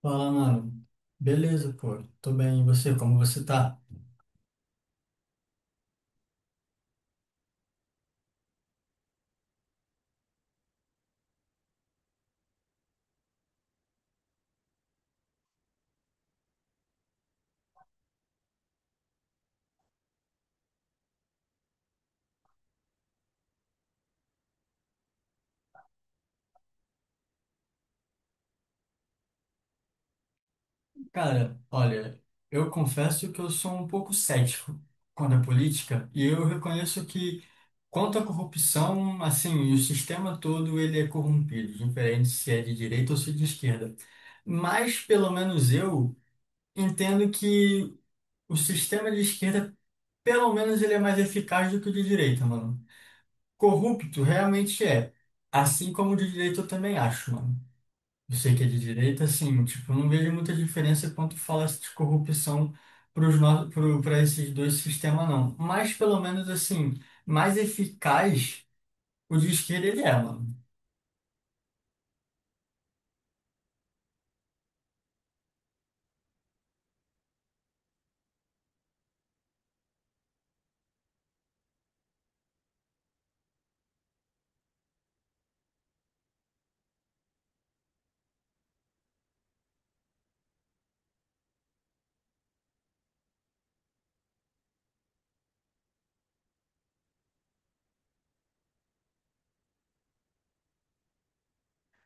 Fala, mano. Beleza, pô. Tô bem. E você, como você tá? Cara, olha, eu confesso que eu sou um pouco cético quanto à política e eu reconheço que, quanto à corrupção, assim, o sistema todo ele é corrompido, diferente se é de direita ou se é de esquerda. Mas, pelo menos eu entendo que o sistema de esquerda, pelo menos, ele é mais eficaz do que o de direita, mano. Corrupto realmente é. Assim como o de direita eu também acho, mano. Eu sei que é de direita, assim, tipo, eu não vejo muita diferença quanto fala de corrupção para esses dois sistemas, não. Mas, pelo menos, assim, mais eficaz o de esquerda ele é, mano.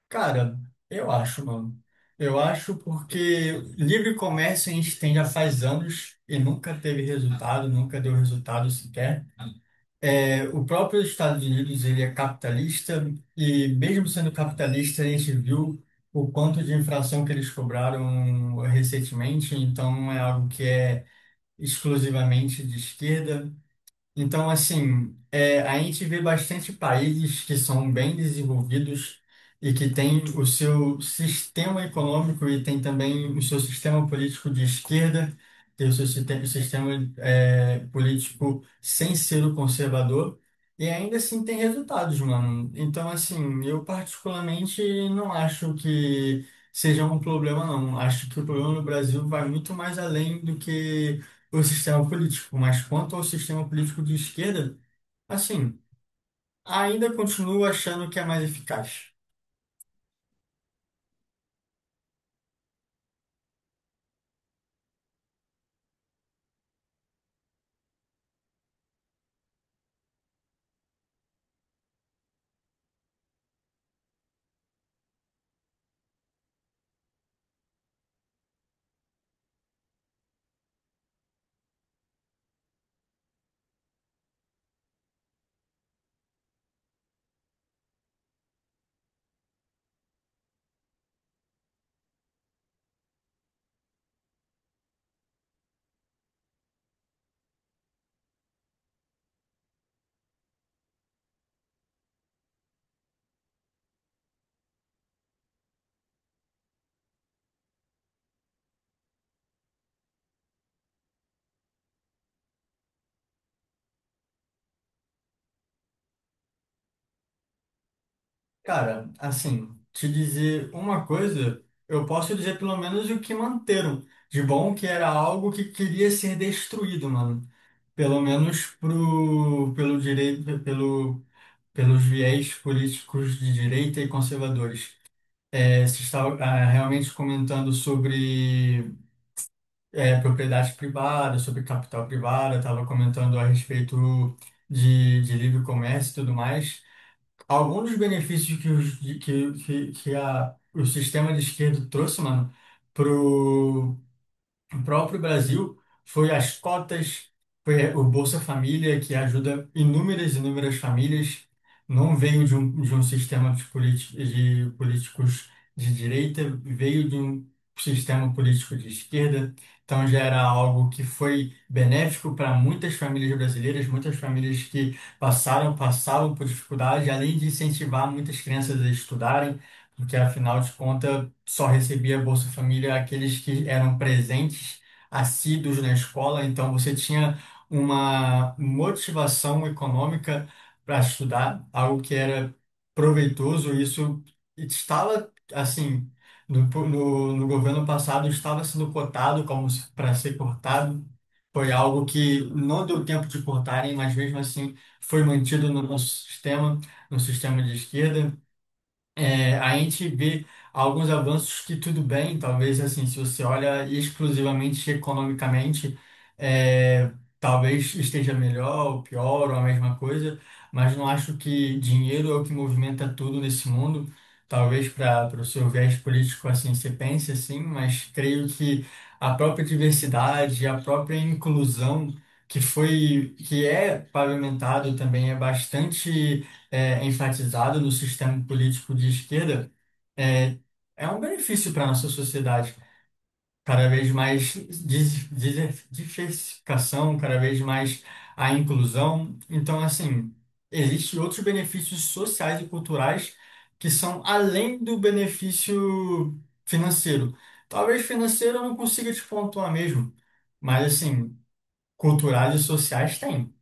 Cara, eu acho, mano. Eu acho porque livre comércio a gente tem já faz anos e nunca teve resultado, nunca deu resultado sequer. É, o próprio Estados Unidos ele é capitalista e mesmo sendo capitalista a gente viu o quanto de inflação que eles cobraram recentemente, então não é algo que é exclusivamente de esquerda. Então, assim, é, a gente vê bastante países que são bem desenvolvidos e que têm o seu sistema econômico e tem também o seu sistema político de esquerda, tem o seu sistema, o sistema é, político sem ser o conservador, e ainda assim tem resultados, mano. Então, assim, eu particularmente não acho que seja um problema, não. Acho que o problema no Brasil vai muito mais além do que o sistema político, mas quanto ao sistema político de esquerda, assim, ainda continuo achando que é mais eficaz. Cara, assim, te dizer uma coisa, eu posso dizer pelo menos o que manteram de bom, que era algo que queria ser destruído, mano. Pelo menos pro, pelo direito, pelo, pelos viés políticos de direita e conservadores. É, você estava realmente comentando sobre é, propriedade privada, sobre capital privado, estava comentando a respeito de livre comércio e tudo mais. Alguns dos benefícios que, os, que, que a, o sistema de esquerda trouxe, mano, o próprio Brasil foi as cotas, foi o Bolsa Família, que ajuda inúmeras, e inúmeras famílias. Não veio de um sistema de, de políticos de direita, veio de um sistema político de esquerda. Então já era algo que foi benéfico para muitas famílias brasileiras, muitas famílias que passaram, passavam por dificuldade, além de incentivar muitas crianças a estudarem porque afinal de contas só recebia Bolsa Família aqueles que eram presentes, assíduos na escola, então você tinha uma motivação econômica para estudar, algo que era proveitoso, e isso estava assim. No governo passado estava sendo cotado como para ser cortado. Foi algo que não deu tempo de cortarem, mas mesmo assim foi mantido no nosso sistema, no sistema de esquerda é, a gente vê alguns avanços que tudo bem, talvez assim, se você olha exclusivamente economicamente, é, talvez esteja melhor ou pior ou a mesma coisa, mas não acho que dinheiro é o que movimenta tudo nesse mundo. Talvez para o seu viés político assim você pense assim, mas creio que a própria diversidade, a própria inclusão que foi que é pavimentado também é bastante é, enfatizado no sistema político de esquerda é, é um benefício para a nossa sociedade. Cada vez mais diversificação, cada vez mais a inclusão. Então, assim, existem outros benefícios sociais e culturais que são além do benefício financeiro. Talvez financeiro eu não consiga te pontuar mesmo, mas, assim, culturais e sociais tem.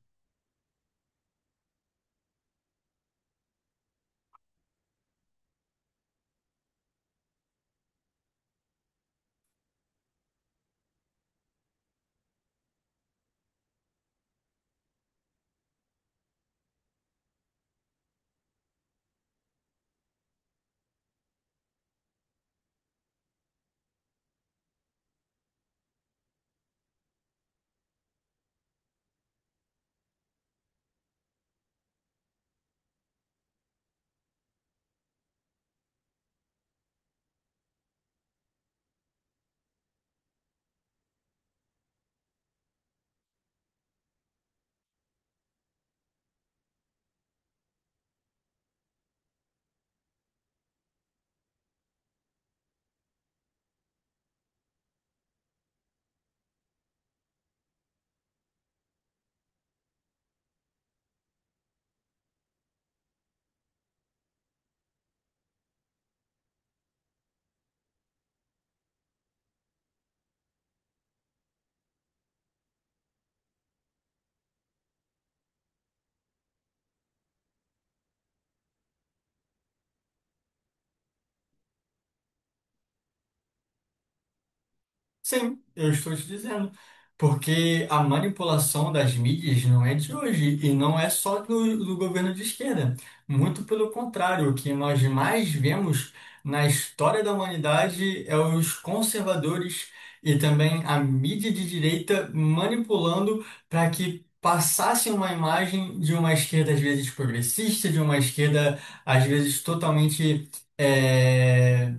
Sim, eu estou te dizendo. Porque a manipulação das mídias não é de hoje e não é só do governo de esquerda. Muito pelo contrário, o que nós mais vemos na história da humanidade é os conservadores e também a mídia de direita manipulando para que passasse uma imagem de uma esquerda às vezes progressista, de uma esquerda às vezes totalmente eh,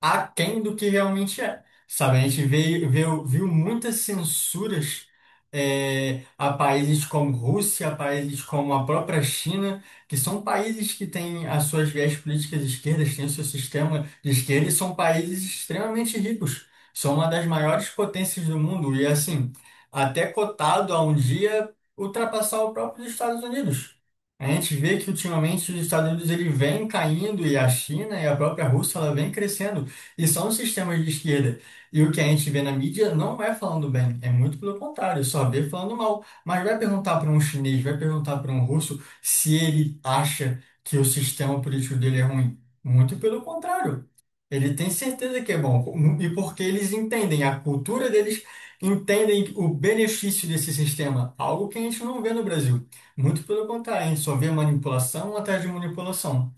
aquém do que realmente é. Sabe, a gente veio, viu muitas censuras é, a países como Rússia, a países como a própria China, que são países que têm as suas viés políticas de esquerdas, têm o seu sistema de esquerda e são países extremamente ricos. São uma das maiores potências do mundo e, assim, até cotado a um dia ultrapassar o próprio Estados Unidos. A gente vê que ultimamente os Estados Unidos ele vem caindo e a China e a própria Rússia ela vem crescendo. E só um sistema de esquerda. E o que a gente vê na mídia não é falando bem, é muito pelo contrário, só vê falando mal. Mas vai perguntar para um chinês, vai perguntar para um russo se ele acha que o sistema político dele é ruim. Muito pelo contrário. Ele tem certeza que é bom. E porque eles entendem, a cultura deles entendem o benefício desse sistema, algo que a gente não vê no Brasil. Muito pelo contrário, a gente só vê manipulação atrás de manipulação.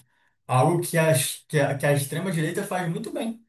Algo que a extrema-direita faz muito bem.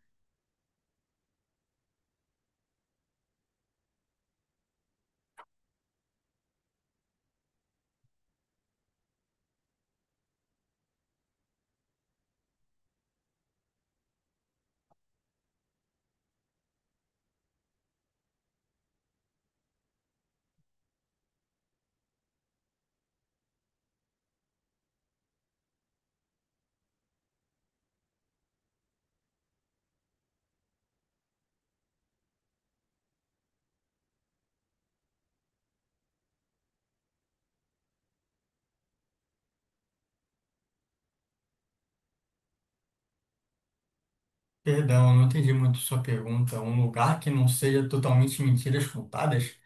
Perdão, eu não entendi muito sua pergunta. Um lugar que não seja totalmente mentiras contadas?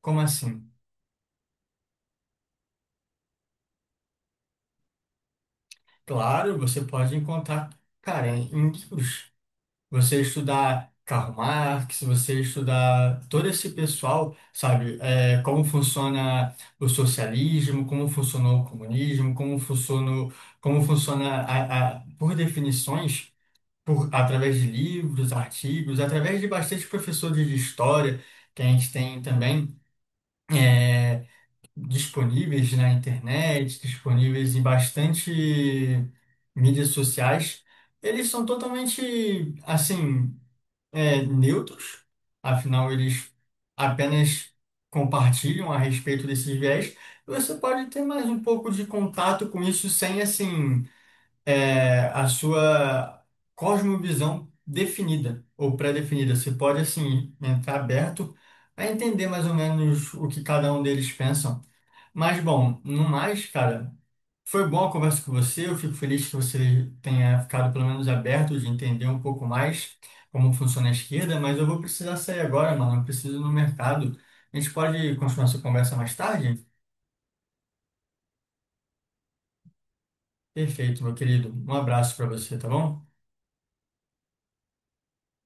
Como assim? Claro, você pode encontrar, cara, em livros. Você estudar Karl Marx, você estudar todo esse pessoal, sabe? É, como funciona o socialismo, como funcionou o comunismo, como funcionou, como funciona a, por definições, por, através de livros, artigos, através de bastante professores de história que a gente tem também. É, disponíveis na internet, disponíveis em bastante mídias sociais, eles são totalmente, assim, é, neutros, afinal, eles apenas compartilham a respeito desses viés. E você pode ter mais um pouco de contato com isso sem, assim, é, a sua cosmovisão definida ou pré-definida. Você pode, assim, entrar aberto a entender mais ou menos o que cada um deles pensa. Mas bom, no mais, cara, foi boa a conversa com você. Eu fico feliz que você tenha ficado pelo menos aberto de entender um pouco mais como funciona a esquerda, mas eu vou precisar sair agora, mano. Eu preciso ir no mercado. A gente pode continuar essa conversa mais tarde? Perfeito, meu querido. Um abraço para você, tá bom?